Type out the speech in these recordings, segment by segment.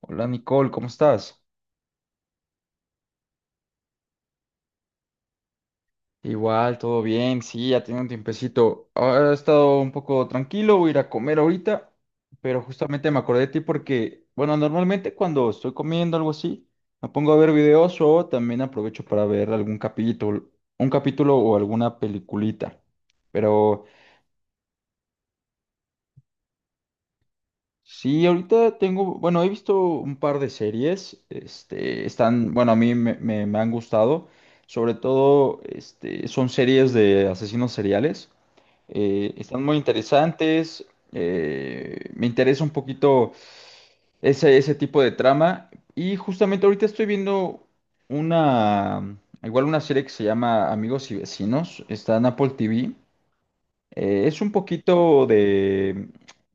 Hola Nicole, ¿cómo estás? Igual, todo bien, sí, ya tiene un tiempecito. Ahora he estado un poco tranquilo, voy a ir a comer ahorita, pero justamente me acordé de ti porque, bueno, normalmente cuando estoy comiendo algo así, me pongo a ver videos o también aprovecho para ver algún capítulo, un capítulo o alguna peliculita. Pero sí, ahorita tengo, bueno, he visto un par de series, este, están, bueno, a mí me han gustado, sobre todo, este, son series de asesinos seriales, están muy interesantes, me interesa un poquito ese tipo de trama, y justamente ahorita estoy viendo una, igual una serie que se llama Amigos y Vecinos, está en Apple TV, es un poquito de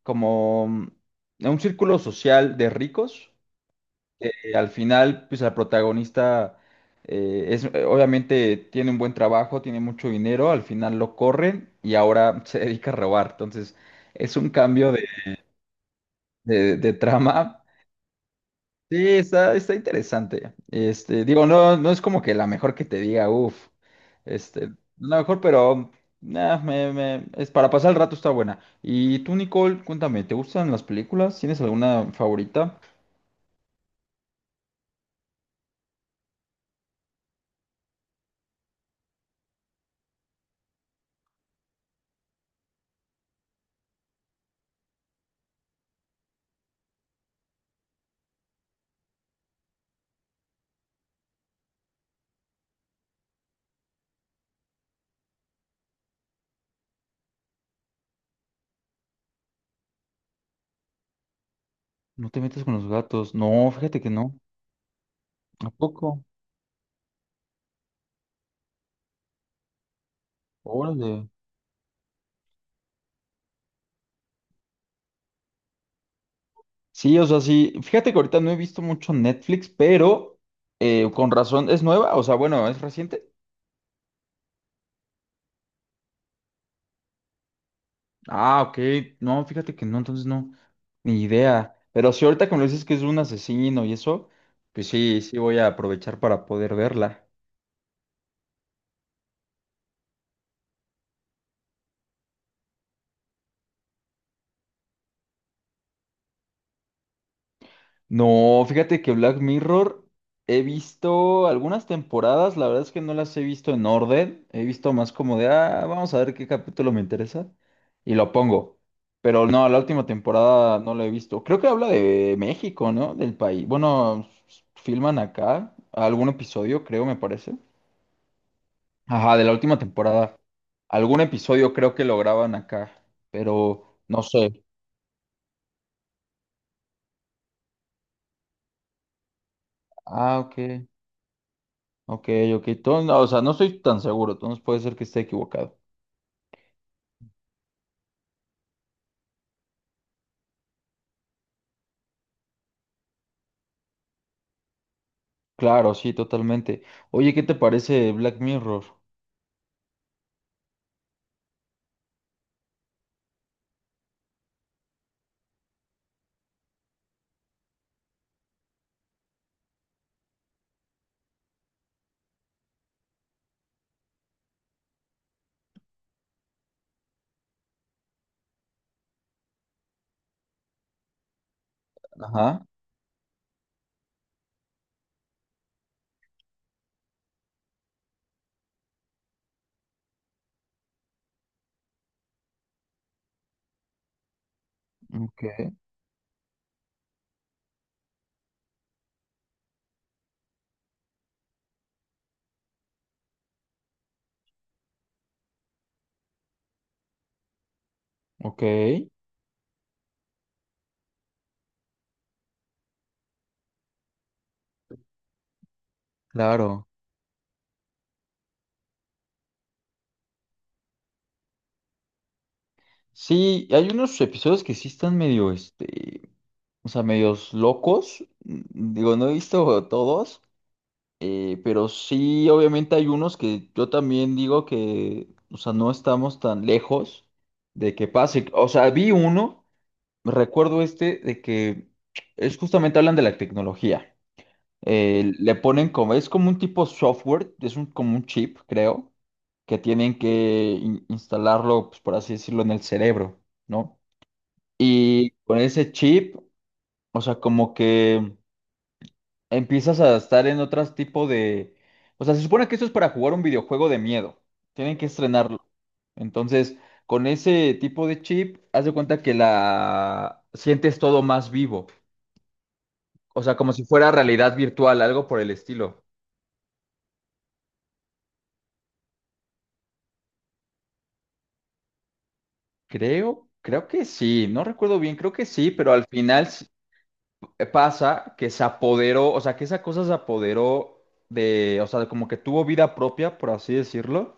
como un círculo social de ricos. Que al final, pues la protagonista obviamente tiene un buen trabajo, tiene mucho dinero, al final lo corren y ahora se dedica a robar. Entonces, es un cambio de, de trama. Sí, está, está interesante. Este, digo, no, no es como que la mejor que te diga, uff, este, la mejor, pero nah, es para pasar el rato, está buena. Y tú, Nicole, cuéntame, ¿te gustan las películas? ¿Tienes alguna favorita? No te metes con los gatos. No, fíjate que no. ¿A poco? Órale. Sí, o sea, sí. Fíjate que ahorita no he visto mucho Netflix, pero con razón, ¿es nueva? O sea, bueno, ¿es reciente? Ah, ok. No, fíjate que no, entonces no, ni idea. Pero si ahorita que me dices que es un asesino y eso, pues sí, sí voy a aprovechar para poder verla. No, fíjate que Black Mirror he visto algunas temporadas, la verdad es que no las he visto en orden, he visto más como de, ah, vamos a ver qué capítulo me interesa y lo pongo. Pero no, la última temporada no la he visto. Creo que habla de México, ¿no? Del país. Bueno, filman acá algún episodio, creo, me parece. Ajá, de la última temporada. Algún episodio creo que lo graban acá, pero no sé. Ah, ok, ok, ok. Todo- no, o sea, no estoy tan seguro, entonces puede ser que esté equivocado. Claro, sí, totalmente. Oye, ¿qué te parece Black Mirror? Ajá, ok, ok, claro. Sí, hay unos episodios que sí están medio, este, o sea, medios locos. Digo, no he visto todos. Pero sí, obviamente hay unos que yo también digo que, o sea, no estamos tan lejos de que pase. O sea, vi uno, recuerdo este, de que es justamente hablan de la tecnología. Le ponen como, es como un tipo software, es un, como un chip, creo, que tienen que instalarlo, pues, por así decirlo, en el cerebro, ¿no? Y con ese chip, o sea, como que empiezas a estar en otro tipo de... O sea, se supone que esto es para jugar un videojuego de miedo. Tienen que estrenarlo. Entonces, con ese tipo de chip, haz de cuenta que la sientes todo más vivo. O sea, como si fuera realidad virtual, algo por el estilo. Creo, creo que sí, no recuerdo bien, creo que sí, pero al final s- pasa que se apoderó, o sea, que esa cosa se apoderó de, o sea, como que tuvo vida propia, por así decirlo,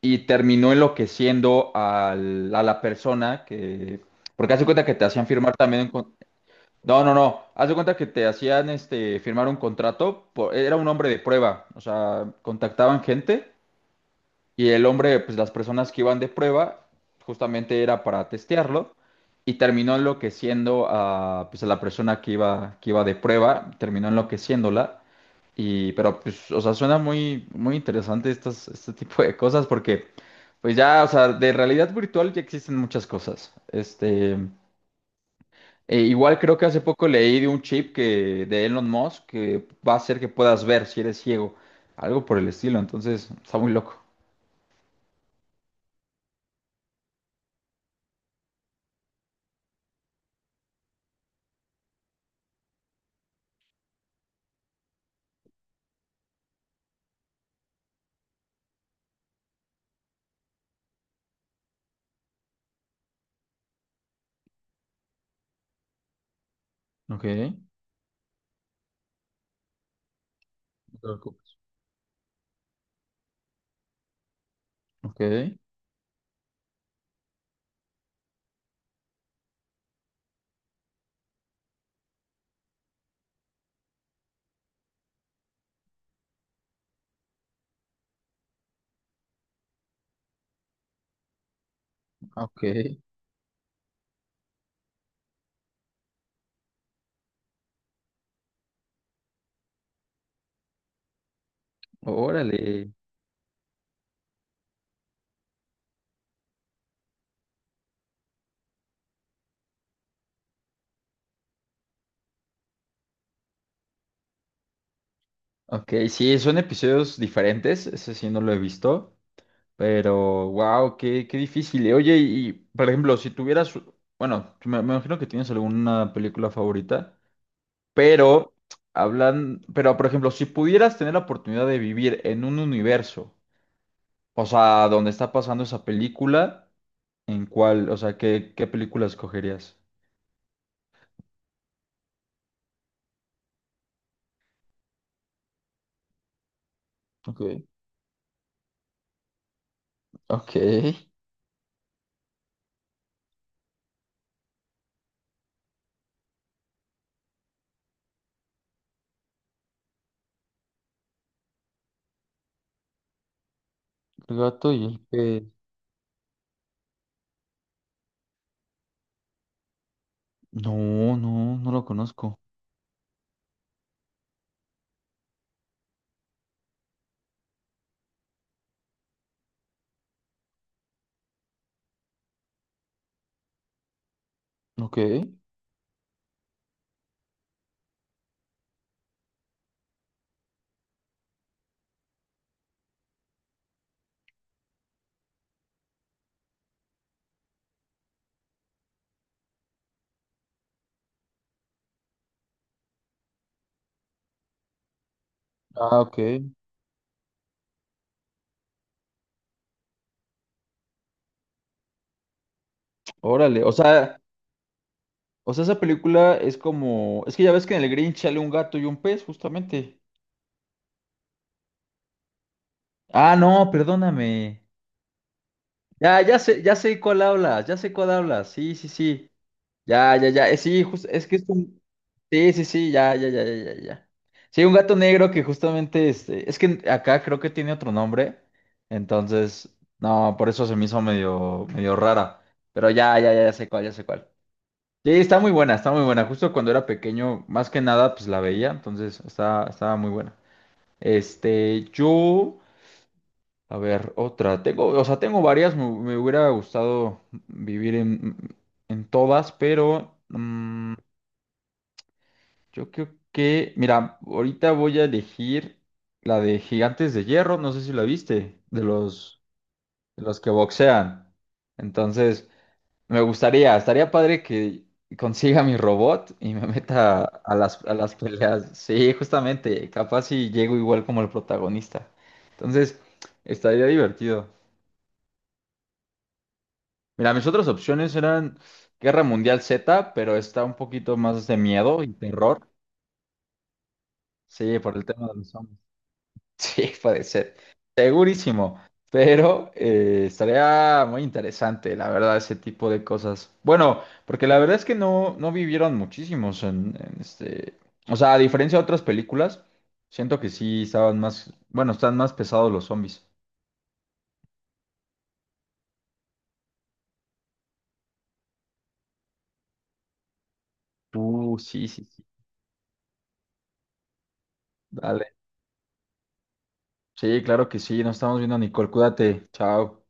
y terminó enloqueciendo a la persona que, porque hace cuenta que te hacían firmar también, un con- no, no, no, hace cuenta que te hacían este, firmar un contrato, por- era un hombre de prueba, o sea, contactaban gente y el hombre, pues las personas que iban de prueba, justamente era para testearlo y terminó enloqueciendo a, pues, a la persona que iba de prueba, terminó enloqueciéndola. Y, pero, pues, o sea, suena muy, muy interesante estas, este tipo de cosas porque, pues ya, o sea, de realidad virtual ya existen muchas cosas. Este, e igual creo que hace poco leí de un chip que, de Elon Musk que va a hacer que puedas ver si eres ciego, algo por el estilo, entonces está muy loco. Ok. Ok, ok, órale. Ok, sí, son episodios diferentes, ese sí no lo he visto, pero wow, qué, qué difícil. Y oye, y por ejemplo, si tuvieras, bueno, me imagino que tienes alguna película favorita, pero hablan, pero por ejemplo, si pudieras tener la oportunidad de vivir en un universo, o sea, donde está pasando esa película, ¿en cuál, o sea, qué, qué película escogerías? Ok, ok, el gato y el pez. No, no, no lo conozco. Ok. Ah, ok. Órale. O sea, esa película es como. Es que ya ves que en el Grinch sale un gato y un pez, justamente. Ah, no, perdóname. Ya, ya sé cuál hablas, ya sé cuál hablas. Sí, sí, sí. Ya, ya, ya. Sí, jus- es que es un. Sí, sí, sí, ya, ya, ya, ya, ya, ya. Sí, un gato negro que justamente este. Es que acá creo que tiene otro nombre. Entonces, no, por eso se me hizo medio, medio rara. Pero ya, ya, ya, ya sé cuál, ya sé cuál. Sí, está muy buena, está muy buena. Justo cuando era pequeño, más que nada, pues la veía, entonces estaba, estaba muy buena. Este, yo, a ver, otra. Tengo, o sea, tengo varias, me hubiera gustado vivir en todas, pero yo creo que, mira, ahorita voy a elegir la de Gigantes de Hierro, no sé si la viste, de los que boxean. Entonces, me gustaría, estaría padre que consiga mi robot y me meta a las peleas. Sí, justamente, capaz si llego igual como el protagonista. Entonces, estaría divertido. Mira, mis otras opciones eran Guerra Mundial Z, pero está un poquito más de miedo y terror. Sí, por el tema de los zombies. Sí, puede ser. Segurísimo. Pero estaría muy interesante, la verdad, ese tipo de cosas. Bueno, porque la verdad es que no, no vivieron muchísimos en este. O sea, a diferencia de otras películas, siento que sí estaban más. Bueno, están más pesados los zombies. Sí, sí, sí. Dale. Sí, claro que sí. Nos estamos viendo, Nicole. Cuídate. Chao.